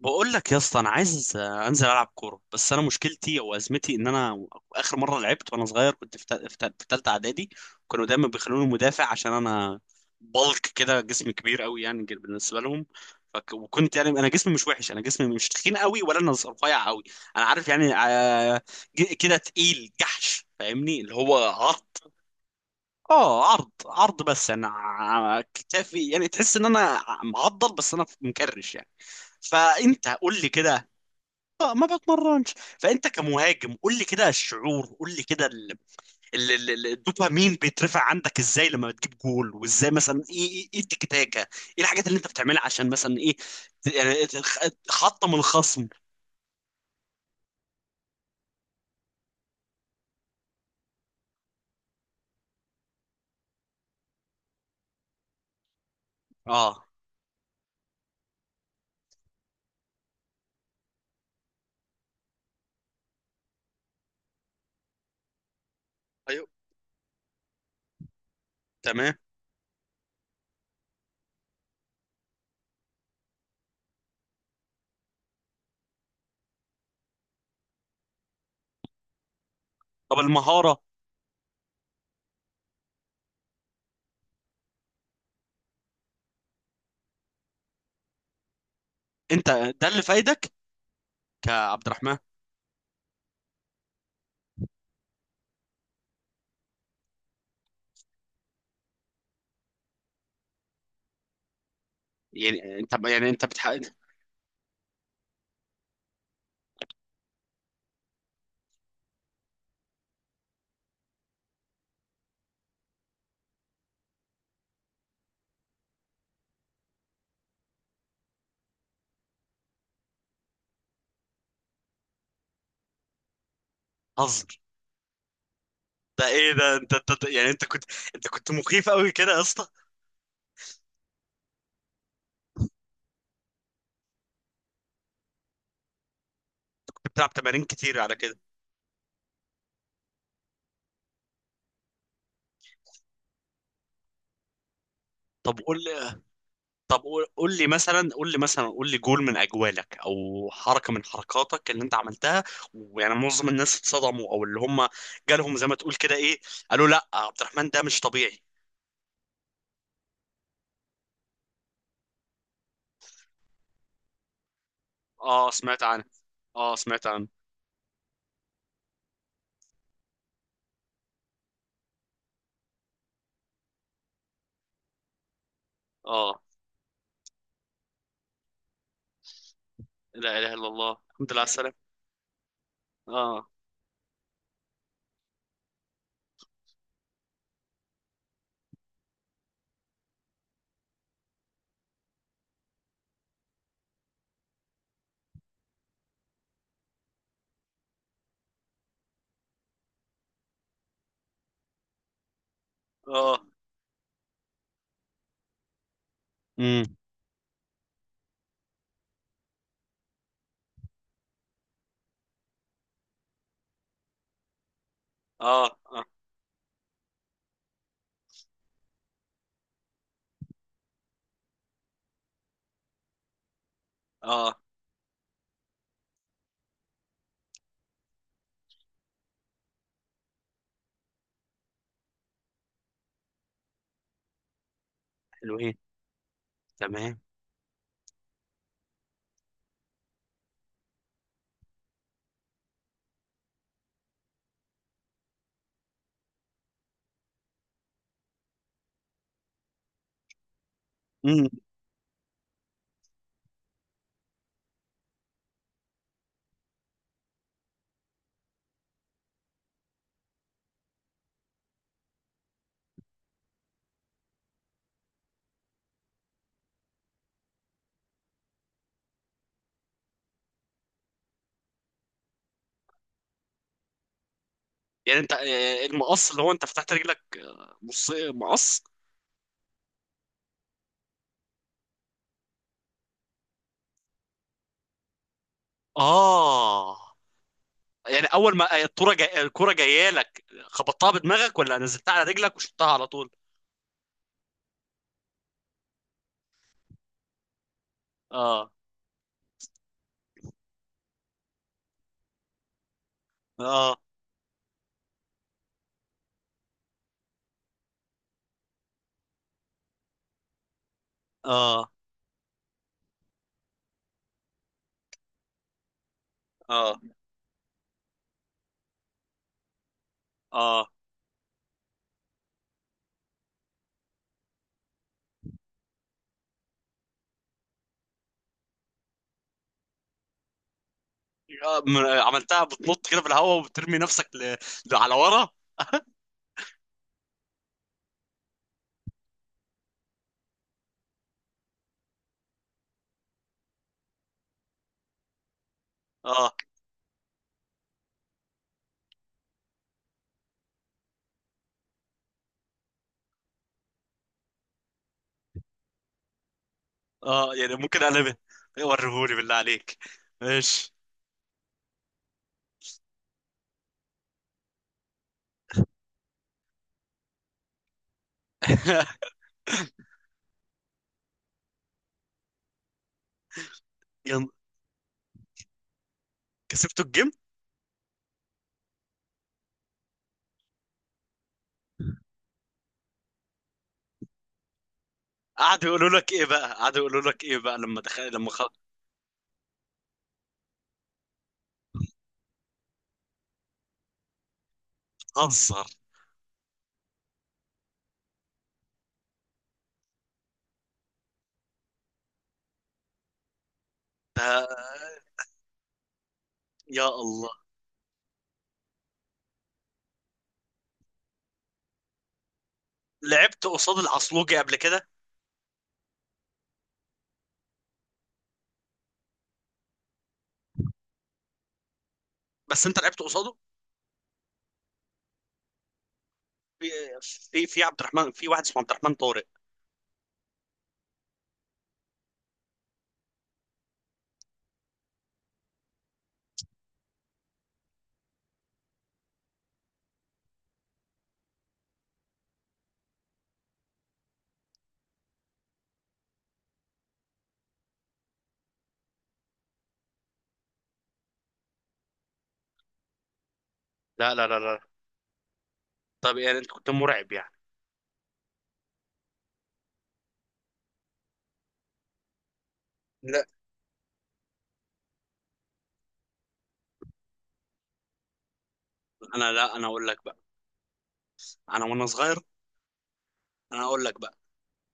بقول لك يا اسطى، انا عايز انزل العب كوره، بس انا مشكلتي او ازمتي ان انا اخر مره لعبت وانا صغير كنت في تالتة اعدادي. كانوا دايما بيخلوني مدافع عشان انا بلك كده، جسمي كبير قوي، يعني بالنسبه لهم. وكنت يعني انا جسمي مش وحش، انا جسمي مش تخين قوي ولا انا رفيع قوي. انا عارف يعني، كده تقيل جحش، فاهمني، اللي هو عرض. اه، عرض عرض، بس انا كتافي، يعني تحس ان انا معضل، بس انا مكرش يعني. فانت قول لي كده. آه، ما بتمرنش. فانت كمهاجم قول لي كده الشعور، قول لي كده، الدوبامين بيترفع عندك ازاي لما بتجيب جول، وازاي مثلا ايه ايه إيه التكتاكه، ايه الحاجات اللي انت بتعملها عشان مثلا ايه، يعني تحطم الخصم؟ اه، ايوه، تمام. طب المهاره. انت ده اللي فايدك، كعبد الرحمن. يعني انت بتحقق. هزر! ده ايه ده، انت، يعني انت كنت. انت كنت مخيف قوي كده يا اسطى. كنت بتلعب تمارين كتير على كده؟ طب قول طب قول، قول لي مثلا، قول لي جول من اجوالك او حركه من حركاتك اللي انت عملتها، ويعني معظم الناس اتصدموا، او اللي هم جالهم زي ما تقول كده ايه، قالوا لا، عبد الرحمن ده مش طبيعي. اه، سمعت عنه. اه، سمعت عنه. اه. لا اله الا الله، الحمد لله على السلامه. اه. اه. امم. اه. اه. اه. حلوين. تمام. امم. يعني انت، المقص اللي هو انت فتحت رجلك، مقص؟ اه. يعني اول ما الكرة جايه لك، خبطتها بدماغك ولا نزلتها على رجلك وشطتها على طول؟ اه، اه، اه، اه، اه، عملتها بتنط كده في الهواء وبترمي نفسك، على ورا. اه. اه. يعني ممكن اقلبها. وريهولي بالله عليك. ماشي. يلا، كسبتوا الجيم؟ قعدوا يقولوا لك ايه بقى، قعدوا يقولوا لك ايه بقى لما دخل، هزر! ده، يا الله! لعبت قصاد العصلوجي قبل كده؟ بس انت لعبت قصاده؟ في في في عبد الرحمن، في واحد اسمه عبد الرحمن طارق؟ لا، لا، لا، لا. طب يعني انت كنت مرعب يعني؟ لا لا انا اقول لك بقى، انا وانا صغير. انا اقول لك بقى،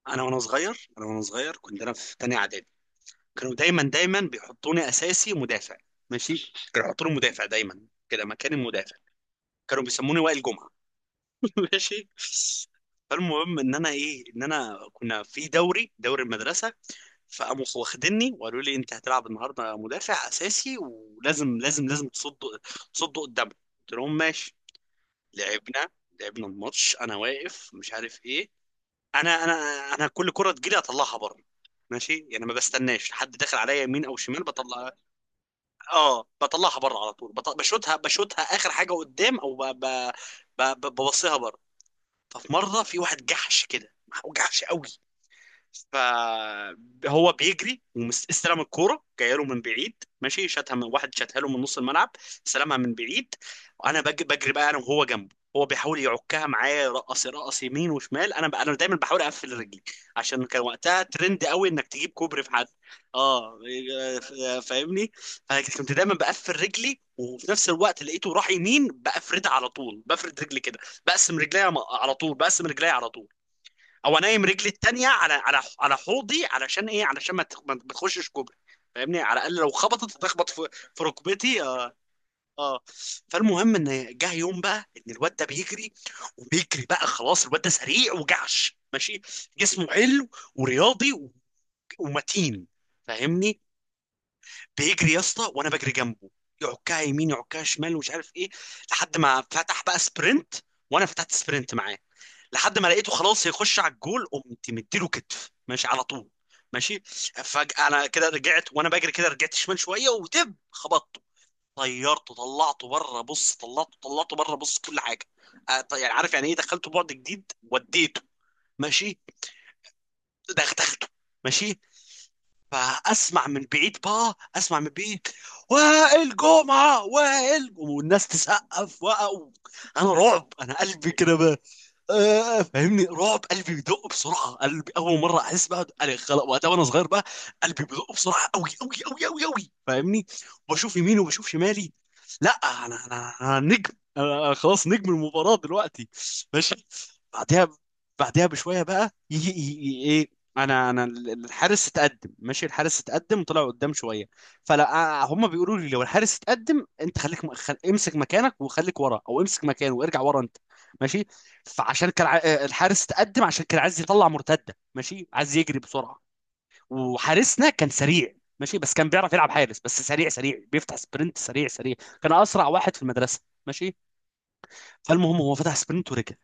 انا وانا صغير كنت انا في تانية اعدادي. كانوا دايما دايما بيحطوني اساسي مدافع. ماشي. كانوا يحطوني مدافع دايما كده، مكان المدافع. كانوا بيسموني وائل جمعة. ماشي. فالمهم ان انا كنا في دوري المدرسه. فقاموا واخديني وقالوا لي انت هتلعب النهارده مدافع اساسي، ولازم لازم لازم تصد قدامه. قلت لهم ماشي. لعبنا لعبنا الماتش، انا واقف مش عارف ايه. انا انا انا كل كره تجيلي اطلعها بره. ماشي، يعني ما بستناش حد داخل عليا يمين او شمال، بطلع. اه، بطلعها بره على طول، بشوتها اخر حاجه قدام، او ببصيها بره. ففي مره، في واحد جحش كده. جحش قوي. فهو بيجري واستلم الكوره جايه له من بعيد. ماشي. شاتها من واحد، شاتها له من نص الملعب. استلمها من بعيد. انا بجري بقى، انا وهو جنبه. هو بيحاول يعكها معايا، يرقص يرقص يمين وشمال. انا دايما بحاول اقفل رجلي، عشان كان وقتها ترند قوي انك تجيب كوبري في حد. اه، فاهمني. فكنت دايما بقفل رجلي، وفي نفس الوقت لقيته راح يمين بقفردها على طول، بفرد رجلي كده. بقسم رجلي على طول، بقسم رجلي على طول. او انيم رجلي التانيه على حوضي، علشان ايه؟ علشان ما تخشش كوبري. فاهمني، على الاقل لو خبطت تخبط في ركبتي. اه. آه. فالمهم، ان جه يوم بقى ان الواد ده بيجري، وبيجري بقى، خلاص الواد ده سريع وجعش، ماشي. جسمه حلو، ورياضي، ومتين، فاهمني. بيجري يا اسطى وانا بجري جنبه. يعكها يمين، يعكها شمال، ومش عارف ايه، لحد ما فتح بقى سبرنت، وانا فتحت سبرنت معاه، لحد ما لقيته خلاص هيخش على الجول، قمت مديله كتف، ماشي، على طول. ماشي. فجأة انا كده رجعت وانا بجري، كده رجعت شمال شويه ودب خبطته. طيرته، طلعته بره، بص، طلعته بره، بص، كل حاجه. يعني عارف يعني ايه، دخلته بعد جديد وديته. ماشي. دخلته. ماشي. فاسمع من بعيد بقى، اسمع من بعيد، وائل جمعه، وائل، والناس تسقف وقعوا. انا رعب، انا قلبي كده بقى. فاهمني، رعب، قلبي بيدق بسرعه، قلبي اول مره احس بقى أنا خلاص وقتها وانا صغير بقى. قلبي بيدق بسرعه قوي قوي قوي قوي قوي، فاهمني. وبشوف يميني وبشوف شمالي. لا، انا نجم، انا خلاص نجم المباراه دلوقتي. ماشي. بعدها بعدها بشويه بقى يجي. انا، الحارس اتقدم، ماشي، الحارس اتقدم طلع قدام شويه. فلا هم بيقولوا لي لو الحارس اتقدم انت خليك امسك مكانك وخليك ورا، او امسك مكانه وارجع ورا انت. ماشي. فعشان كان الحارس اتقدم، عشان كان عايز يطلع مرتده، ماشي، عايز يجري بسرعه. وحارسنا كان سريع، ماشي، بس كان بيعرف يلعب حارس، بس سريع سريع، بيفتح سبرنت سريع سريع. كان اسرع واحد في المدرسه. ماشي. فالمهم هو فتح سبرنت ورجع.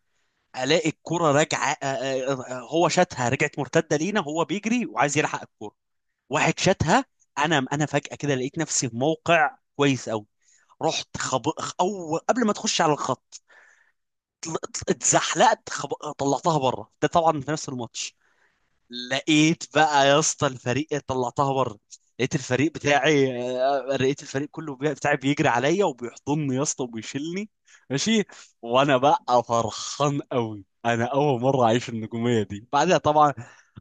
الاقي الكره راجعه، هو شاتها، رجعت مرتده لينا، هو بيجري وعايز يلحق الكره. واحد شاتها. انا فجأة كده لقيت نفسي في موقع كويس قوي. رحت خب... او قبل ما تخش على الخط، اتزحلقت، طلعتها بره، ده طبعا في نفس الماتش. لقيت بقى يا اسطى الفريق طلعتها بره. لقيت الفريق بتاعي، لقيت الفريق كله بتاعي، بيجري عليا وبيحضني يا اسطى وبيشيلني. ماشي. وانا بقى فرحان قوي، انا اول مره اعيش النجوميه دي، بعدها طبعا.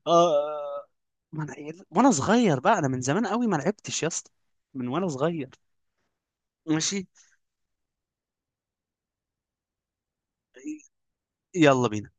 آه. ما أنا وانا صغير بقى، انا من زمان قوي ما لعبتش يا اسطى، من وانا صغير. ماشي، يلا بينا.